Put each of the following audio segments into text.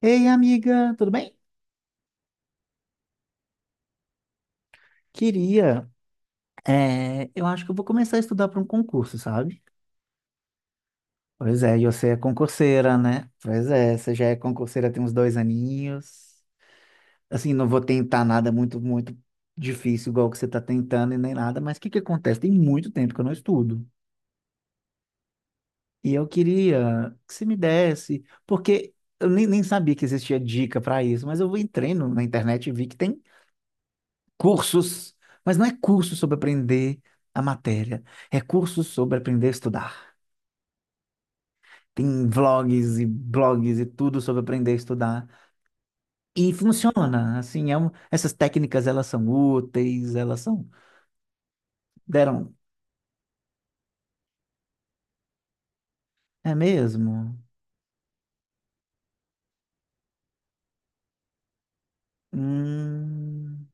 Ei, amiga, tudo bem? Queria. Eu acho que eu vou começar a estudar para um concurso, sabe? Pois é, e você é concurseira, né? Pois é, você já é concurseira tem uns dois aninhos. Assim, não vou tentar nada muito difícil, igual o que você está tentando e nem nada, mas o que que acontece? Tem muito tempo que eu não estudo. E eu queria que você me desse, porque eu nem sabia que existia dica para isso, mas eu entrei na internet e vi que tem cursos, mas não é curso sobre aprender a matéria, é curso sobre aprender a estudar. Tem vlogs e blogs e tudo sobre aprender a estudar. E funciona, assim, essas técnicas, elas são úteis, elas são... Deram... É mesmo? Hum...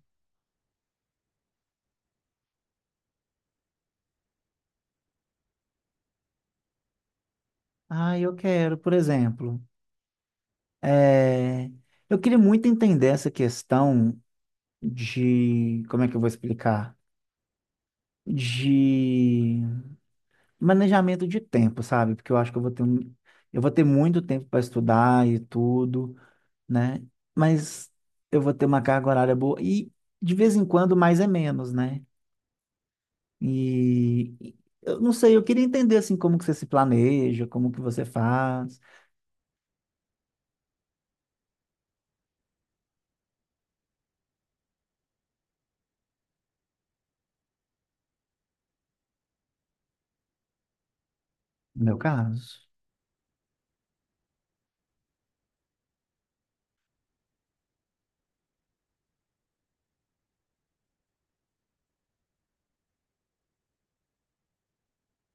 Ah, eu quero, por exemplo... é, Eu queria muito entender essa questão de... Como é que eu vou explicar? De manejamento de tempo, sabe? Porque eu acho que eu vou eu vou ter muito tempo para estudar e tudo, né? Mas eu vou ter uma carga horária boa e de vez em quando mais é menos, né? E eu não sei, eu queria entender assim como que você se planeja, como que você faz, no meu caso.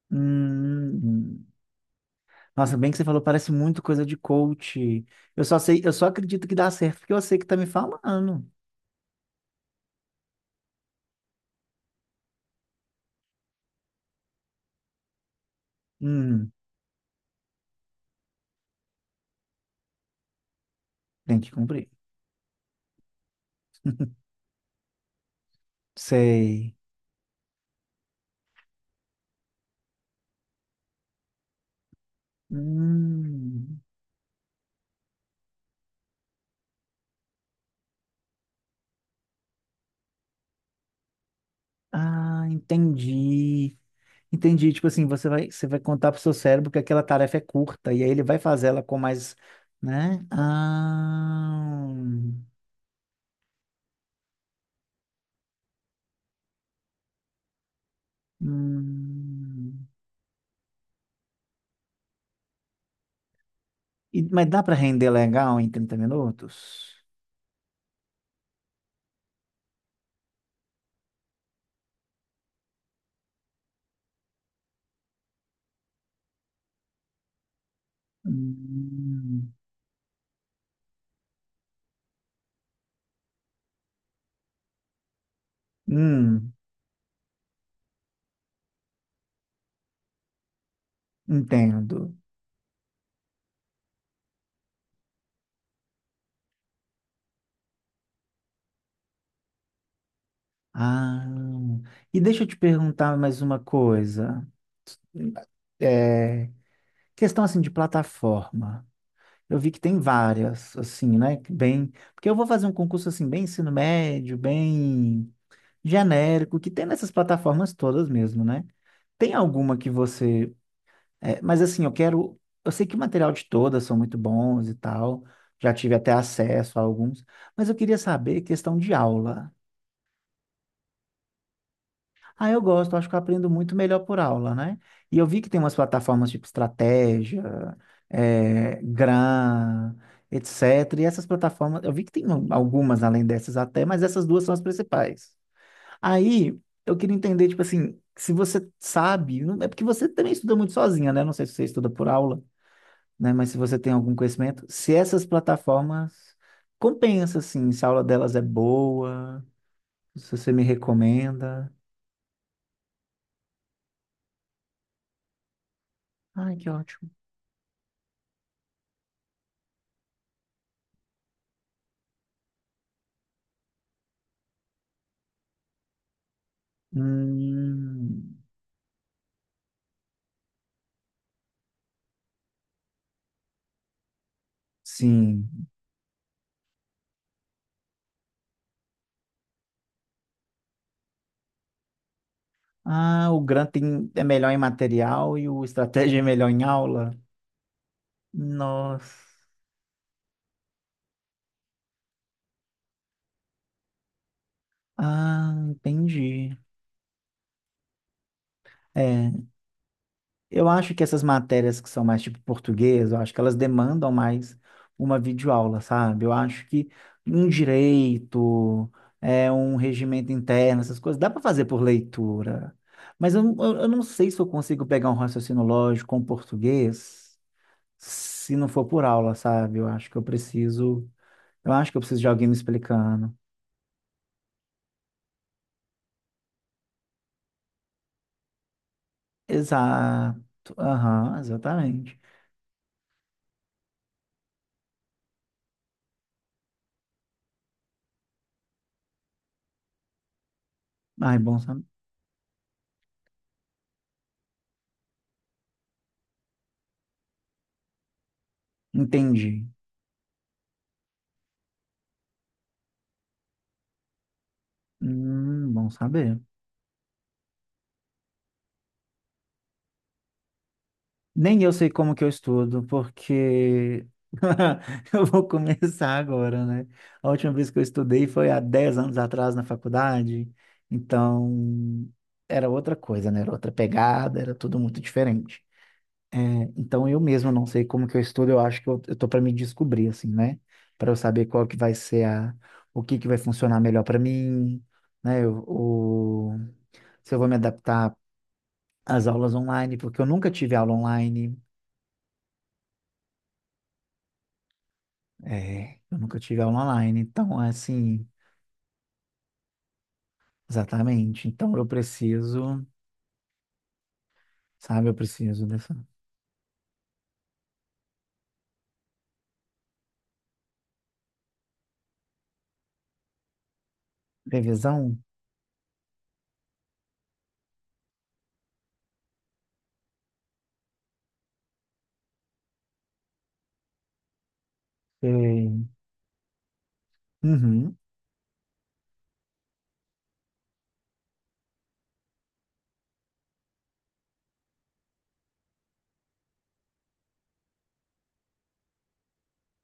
Hum, nossa, bem que você falou, parece muito coisa de coach. Eu só acredito que dá certo porque eu sei que tá me falando. Hum, tem que cumprir. Sei. Hum. Ah, entendi. Entendi. Tipo assim, você vai contar pro seu cérebro que aquela tarefa é curta, e aí ele vai fazer ela com mais, né? Ah, hum. E- mas dá para render legal em 30 minutos? Hum, hum, entendo. Ah, e deixa eu te perguntar mais uma coisa. É, questão assim de plataforma. Eu vi que tem várias, assim, né? Que bem, porque eu vou fazer um concurso assim, bem ensino médio, bem genérico, que tem nessas plataformas todas mesmo, né? Tem alguma que você. É, mas assim, eu quero. Eu sei que o material de todas são muito bons e tal. Já tive até acesso a alguns, mas eu queria saber questão de aula. Ah, eu gosto, acho que eu aprendo muito melhor por aula, né? E eu vi que tem umas plataformas tipo Estratégia, Gran, etc. E essas plataformas, eu vi que tem algumas além dessas até, mas essas duas são as principais. Aí, eu queria entender, tipo assim, se você sabe, é porque você também estuda muito sozinha, né? Não sei se você estuda por aula, né? Mas se você tem algum conhecimento, se essas plataformas compensa, assim, se a aula delas é boa, se você me recomenda. Ai, que ótimo. Hum, sim. Ah, o Granting é melhor em material e o Estratégia é melhor em aula? Nossa. Ah, entendi. É, eu acho que essas matérias que são mais tipo português, eu acho que elas demandam mais uma videoaula, sabe? Eu acho que um direito, é um regimento interno, essas coisas, dá para fazer por leitura. Mas eu não sei se eu consigo pegar um raciocínio lógico com português. Se não for por aula, sabe? Eu acho que eu preciso de alguém me explicando. Exato. Aham, exatamente. Ai, bom saber. Entendi. Bom saber. Nem eu sei como que eu estudo, porque eu vou começar agora, né? A última vez que eu estudei foi há 10 anos atrás na faculdade, então era outra coisa, né? Era outra pegada, era tudo muito diferente. É, então eu mesmo não sei como que eu estudo, eu acho que eu tô para me descobrir assim, né? Para eu saber qual que vai ser a o que que vai funcionar melhor para mim, né? O, se eu vou me adaptar às aulas online, porque eu nunca tive aula online, é, eu nunca tive aula online, então é assim, exatamente. Então eu preciso, sabe, eu preciso dessa revisão. É, uhum.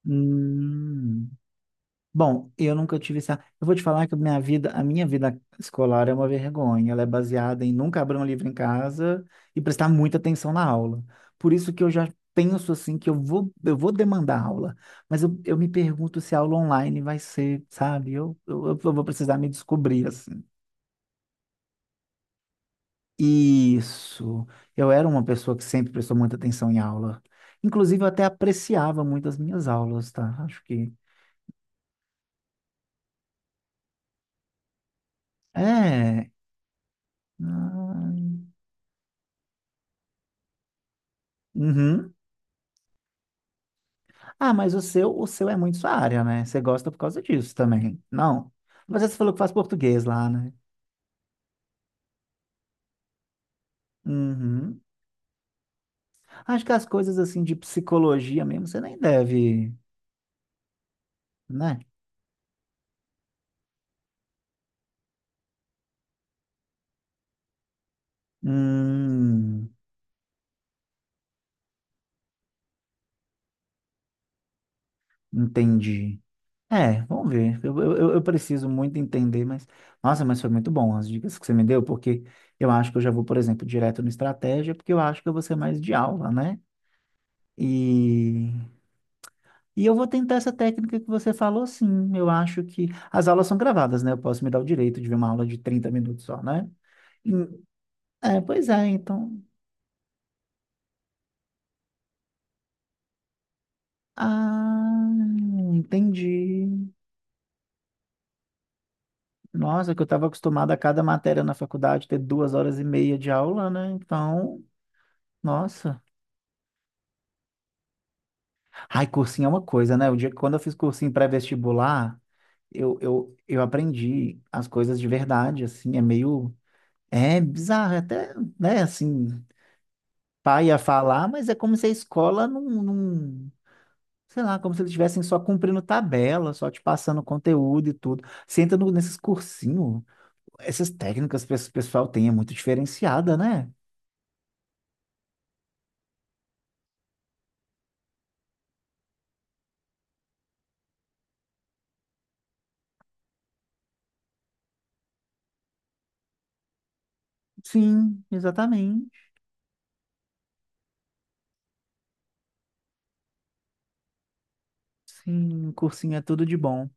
Hum. Bom, eu nunca tive essa. Eu vou te falar que a minha vida escolar é uma vergonha. Ela é baseada em nunca abrir um livro em casa e prestar muita atenção na aula. Por isso que eu já penso assim que eu vou demandar aula. Mas eu me pergunto se a aula online vai ser, sabe? Eu vou precisar me descobrir assim. Isso. Eu era uma pessoa que sempre prestou muita atenção em aula. Inclusive, eu até apreciava muito as minhas aulas, tá? Acho que. É. Ah, uhum. Ah, mas o seu é muito sua área, né? Você gosta por causa disso também. Não. Mas você falou que faz português lá, né? Uhum. Acho que as coisas assim de psicologia mesmo, você nem deve, né? Hum, entendi. É, vamos ver. Eu preciso muito entender, mas. Nossa, mas foi muito bom as dicas que você me deu, porque eu acho que eu já vou, por exemplo, direto no estratégia, porque eu acho que eu vou ser mais de aula, né? E eu vou tentar essa técnica que você falou, sim. Eu acho que as aulas são gravadas, né? Eu posso me dar o direito de ver uma aula de 30 minutos só, né? Hum, é, pois é, então. Ah, entendi. Nossa, que eu estava acostumado a cada matéria na faculdade ter duas horas e meia de aula, né? Então, nossa. Ai, cursinho é uma coisa, né? O dia que quando eu fiz cursinho pré-vestibular, eu aprendi as coisas de verdade, assim, é meio. É bizarro, é até, né, assim, pai a falar, mas é como se a escola sei lá, como se eles estivessem só cumprindo tabela, só te passando conteúdo e tudo. Você entra nesses cursinhos, essas técnicas que esse pessoal tem é muito diferenciada, né? Sim, exatamente. Sim, cursinho é tudo de bom.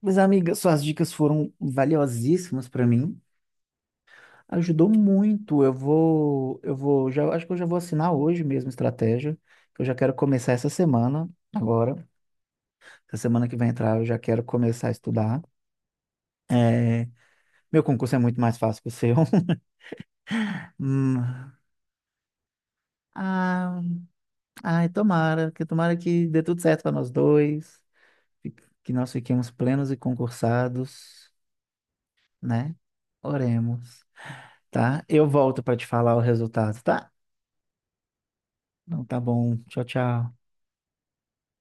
Mas, amiga, suas dicas foram valiosíssimas para mim. Ajudou muito. Já acho que eu já vou assinar hoje mesmo a estratégia. Que Eu já quero começar essa semana agora. Essa semana que vai entrar eu já quero começar a estudar. É, meu concurso é muito mais fácil que o seu. Hum, ah, ai, tomara que dê tudo certo para nós dois, fi- que nós fiquemos plenos e concursados, né? Oremos, tá? Eu volto para te falar o resultado, tá? Então tá bom. Tchau, tchau.